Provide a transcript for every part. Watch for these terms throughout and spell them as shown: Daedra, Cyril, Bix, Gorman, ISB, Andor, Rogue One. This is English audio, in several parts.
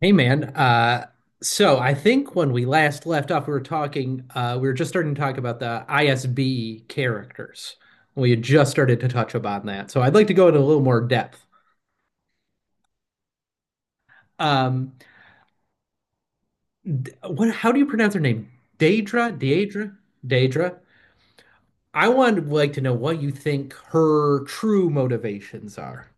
Hey man, so I think when we last left off, we were talking, we were just starting to talk about the ISB characters. We had just started to touch upon that, so I'd like to go into a little more depth. Um, what? How do you pronounce her name? Daedra, Daedra, Daedra. I would like to know what you think her true motivations are.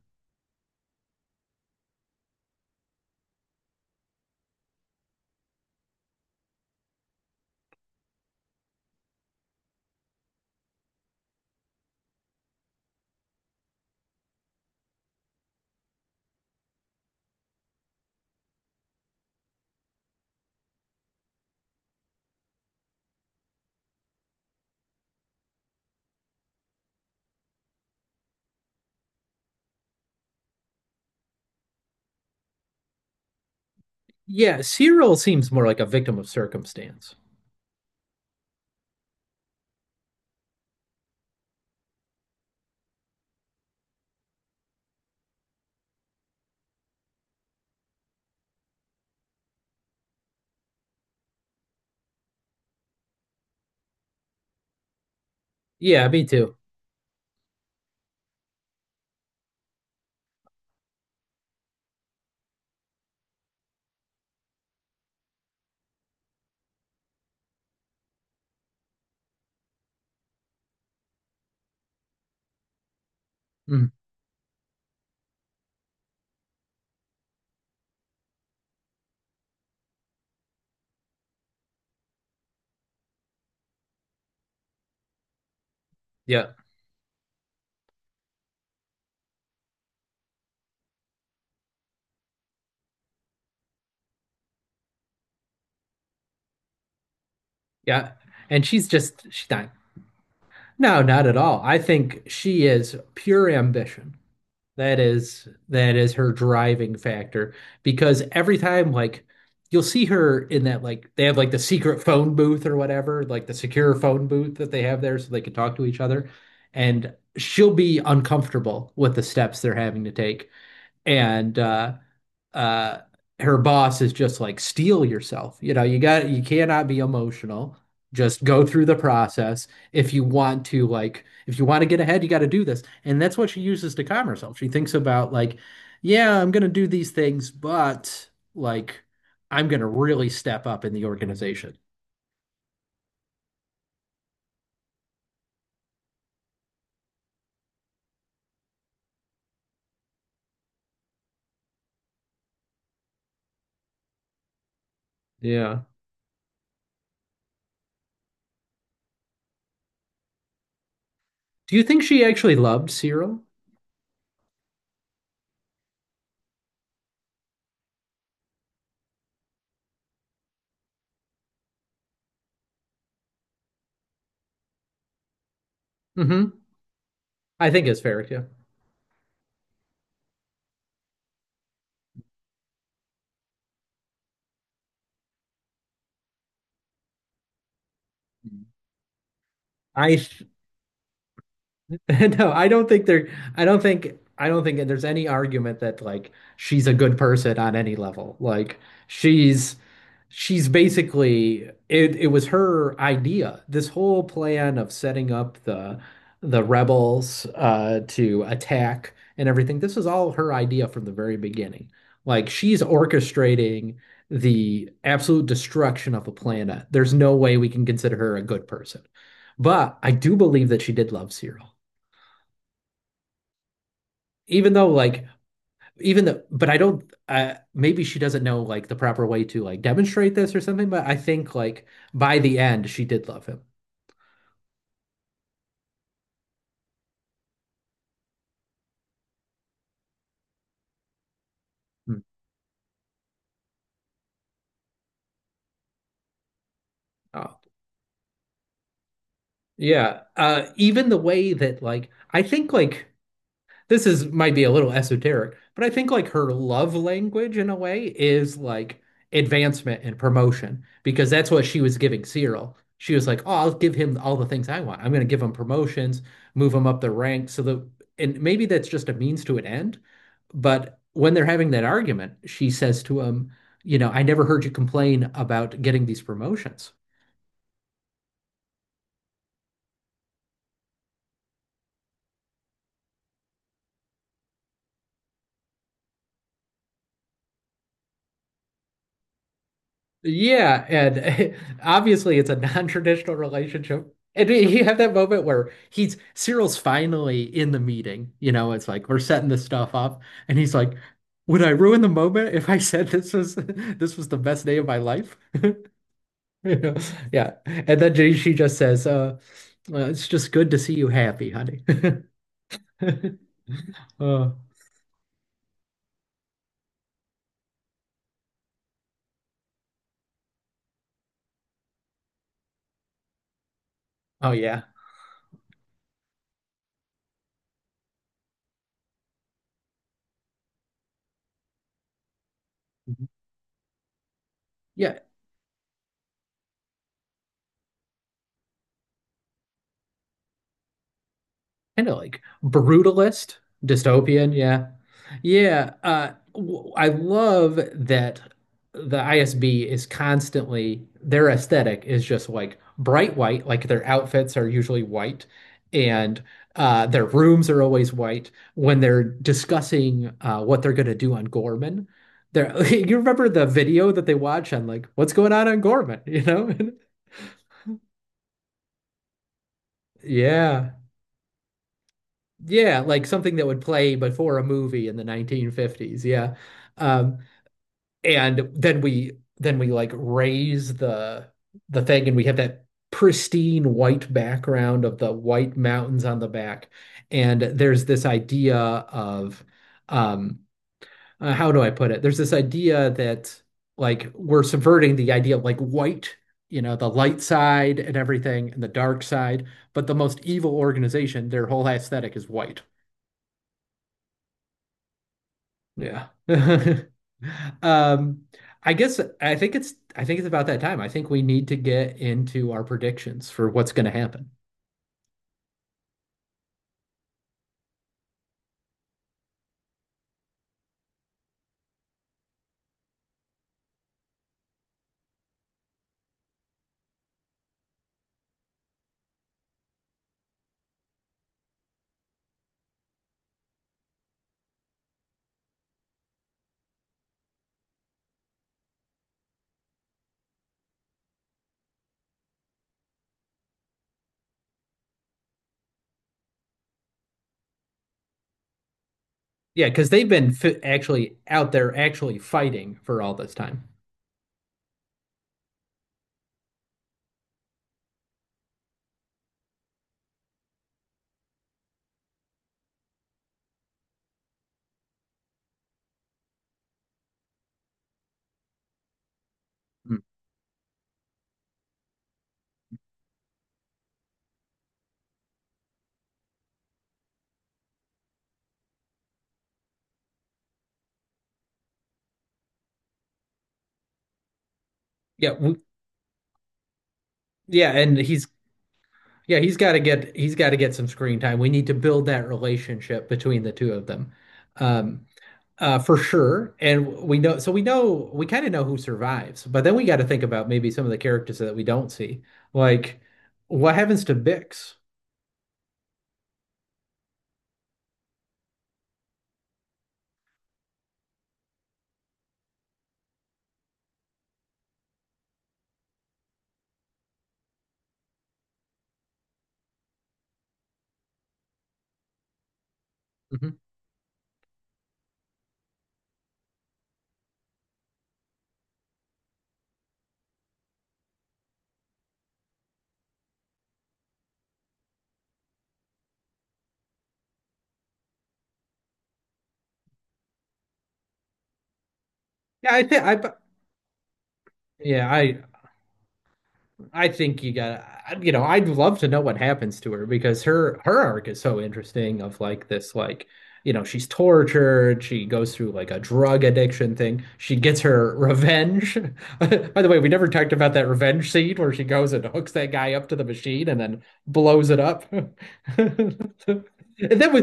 Yeah, Cyril seems more like a victim of circumstance. Yeah, me too. Mm, yeah, yeah, and she's not. No, not at all. I think she is pure ambition. That is her driving factor because every time, like, you'll see her in that, like, they have like the secret phone booth or whatever, like the secure phone booth that they have there so they can talk to each other, and she'll be uncomfortable with the steps they're having to take. And uh her boss is just like, steel yourself, you know, you got, you cannot be emotional, just go through the process. If you want to, like, if you want to get ahead, you got to do this. And that's what she uses to calm herself. She thinks about, like, yeah, I'm gonna do these things, but, like, I'm gonna really step up in the organization. Yeah, do you think she actually loved Cyril? Hmm, I think it's fair, yeah. I no, I don't think there. I don't think there's any argument that, like, she's a good person on any level. She's she's basically it. It was her idea. This whole plan of setting up the rebels, to attack and everything. This was all her idea from the very beginning. Like, she's orchestrating the absolute destruction of the planet. There's no way we can consider her a good person. But I do believe that she did love Cyril, even though, like, even though, but I don't, maybe she doesn't know, like, the proper way to, like, demonstrate this or something. But I think like by the end she did love him. Hmm. Oh. Yeah. Uh, even the way that, like, I think, like, this is, might be a little esoteric, but I think, like, her love language in a way is, like, advancement and promotion, because that's what she was giving Cyril. She was like, "Oh, I'll give him all the things I want. I'm going to give him promotions, move him up the ranks." So the, and maybe that's just a means to an end, but when they're having that argument, she says to him, "You know, I never heard you complain about getting these promotions." Yeah, and obviously it's a non-traditional relationship. And you have that moment where he's Cyril's finally in the meeting. You know, it's like we're setting this stuff up, and he's like, "Would I ruin the moment if I said this was this was the best day of my life?" You know, yeah. And then she just says, well, it's just good to see you happy, honey." Uh, oh yeah, yeah. Kind of like brutalist, dystopian, yeah. Yeah, I love that the ISB is constantly, their aesthetic is just like bright white, like their outfits are usually white. And their rooms are always white when they're discussing what they're going to do on Gorman. There you remember the video that they watch on, like, what's going on Gorman, you know? Yeah. Yeah, like something that would play before a movie in the 1950s. Yeah. Um, and then we, then we, like, raise the thing, and we have that pristine white background of the white mountains on the back. And there's this idea of um how do I put it? There's this idea that, like, we're subverting the idea of, like, white, you know, the light side and everything and the dark side, but the most evil organization, their whole aesthetic is white. Yeah. Um, I guess I think it's about that time. I think we need to get into our predictions for what's going to happen. Yeah, because they've been fi actually out there actually fighting for all this time. Mm. Yeah, we, yeah, and he's yeah, he's got to get some screen time. We need to build that relationship between the two of them. Um, Uh, for sure. And we know, so we know, we kind of know who survives, but then we got to think about maybe some of the characters that we don't see. Like, what happens to Bix? Mhm. Yeah, I think I, yeah, I think you know, I'd love to know what happens to her because her arc is so interesting of, like, this, like, you know, she's tortured, she goes through like a drug addiction thing. She gets her revenge. By the way, we never talked about that revenge scene where she goes and hooks that guy up to the machine and then blows it up. And that was,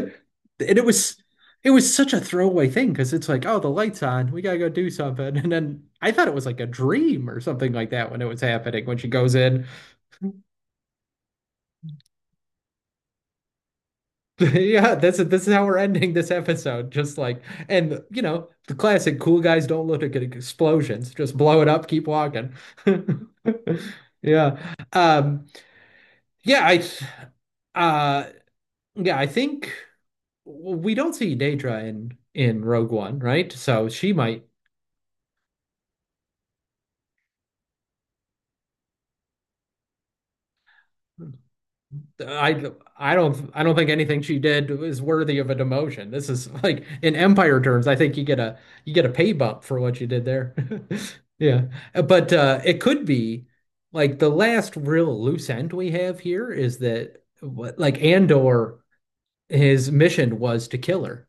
and it was such a throwaway thing because it's like, oh, the light's on, we gotta go do something. And then I thought it was like a dream or something like that when it was happening, when she goes in. Yeah, this is, this is how we're ending this episode. Just like, and you know, the classic cool guys don't look at explosions. Just blow it up, keep walking. Yeah. Um, yeah, I uh yeah, I think we don't see Daedra in Rogue One, right? So she might, I I don't, I don't think anything she did is worthy of a demotion. This is like in Empire terms, I think you get a, you get a pay bump for what you did there. Yeah. But it could be, like, the last real loose end we have here is that what, like, Andor, his mission was to kill her.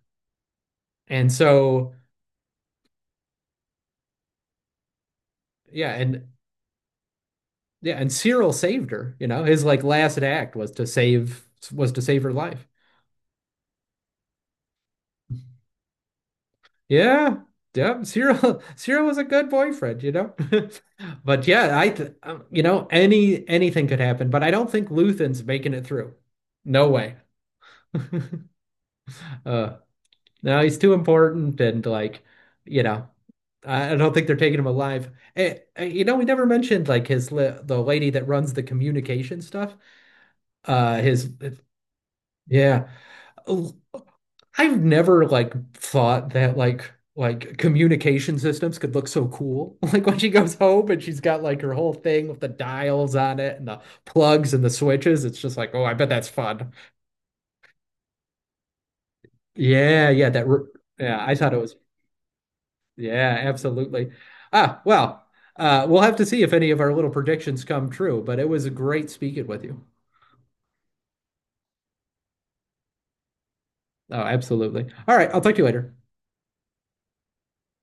And so yeah, and yeah, and Cyril saved her, you know. His like last act was to save, was to save her life. Yeah, yeah. Cyril, Cyril was a good boyfriend, you know. But yeah, I, th you know, anything could happen. But I don't think Luthen's making it through. No way. Uh, no, he's too important, and, like, you know, I don't think they're taking him alive. You know, we never mentioned, like, his li the lady that runs the communication stuff. Uh, his, eh, yeah. I've never, like, thought that, like, communication systems could look so cool. Like when she goes home and she's got like her whole thing with the dials on it and the plugs and the switches, it's just like, oh, I bet that's fun. Yeah, yeah, yeah, I thought it was, yeah, absolutely. Ah, well, uh, we'll have to see if any of our little predictions come true, but it was great speaking with you. Oh, absolutely. All right, I'll talk to you later.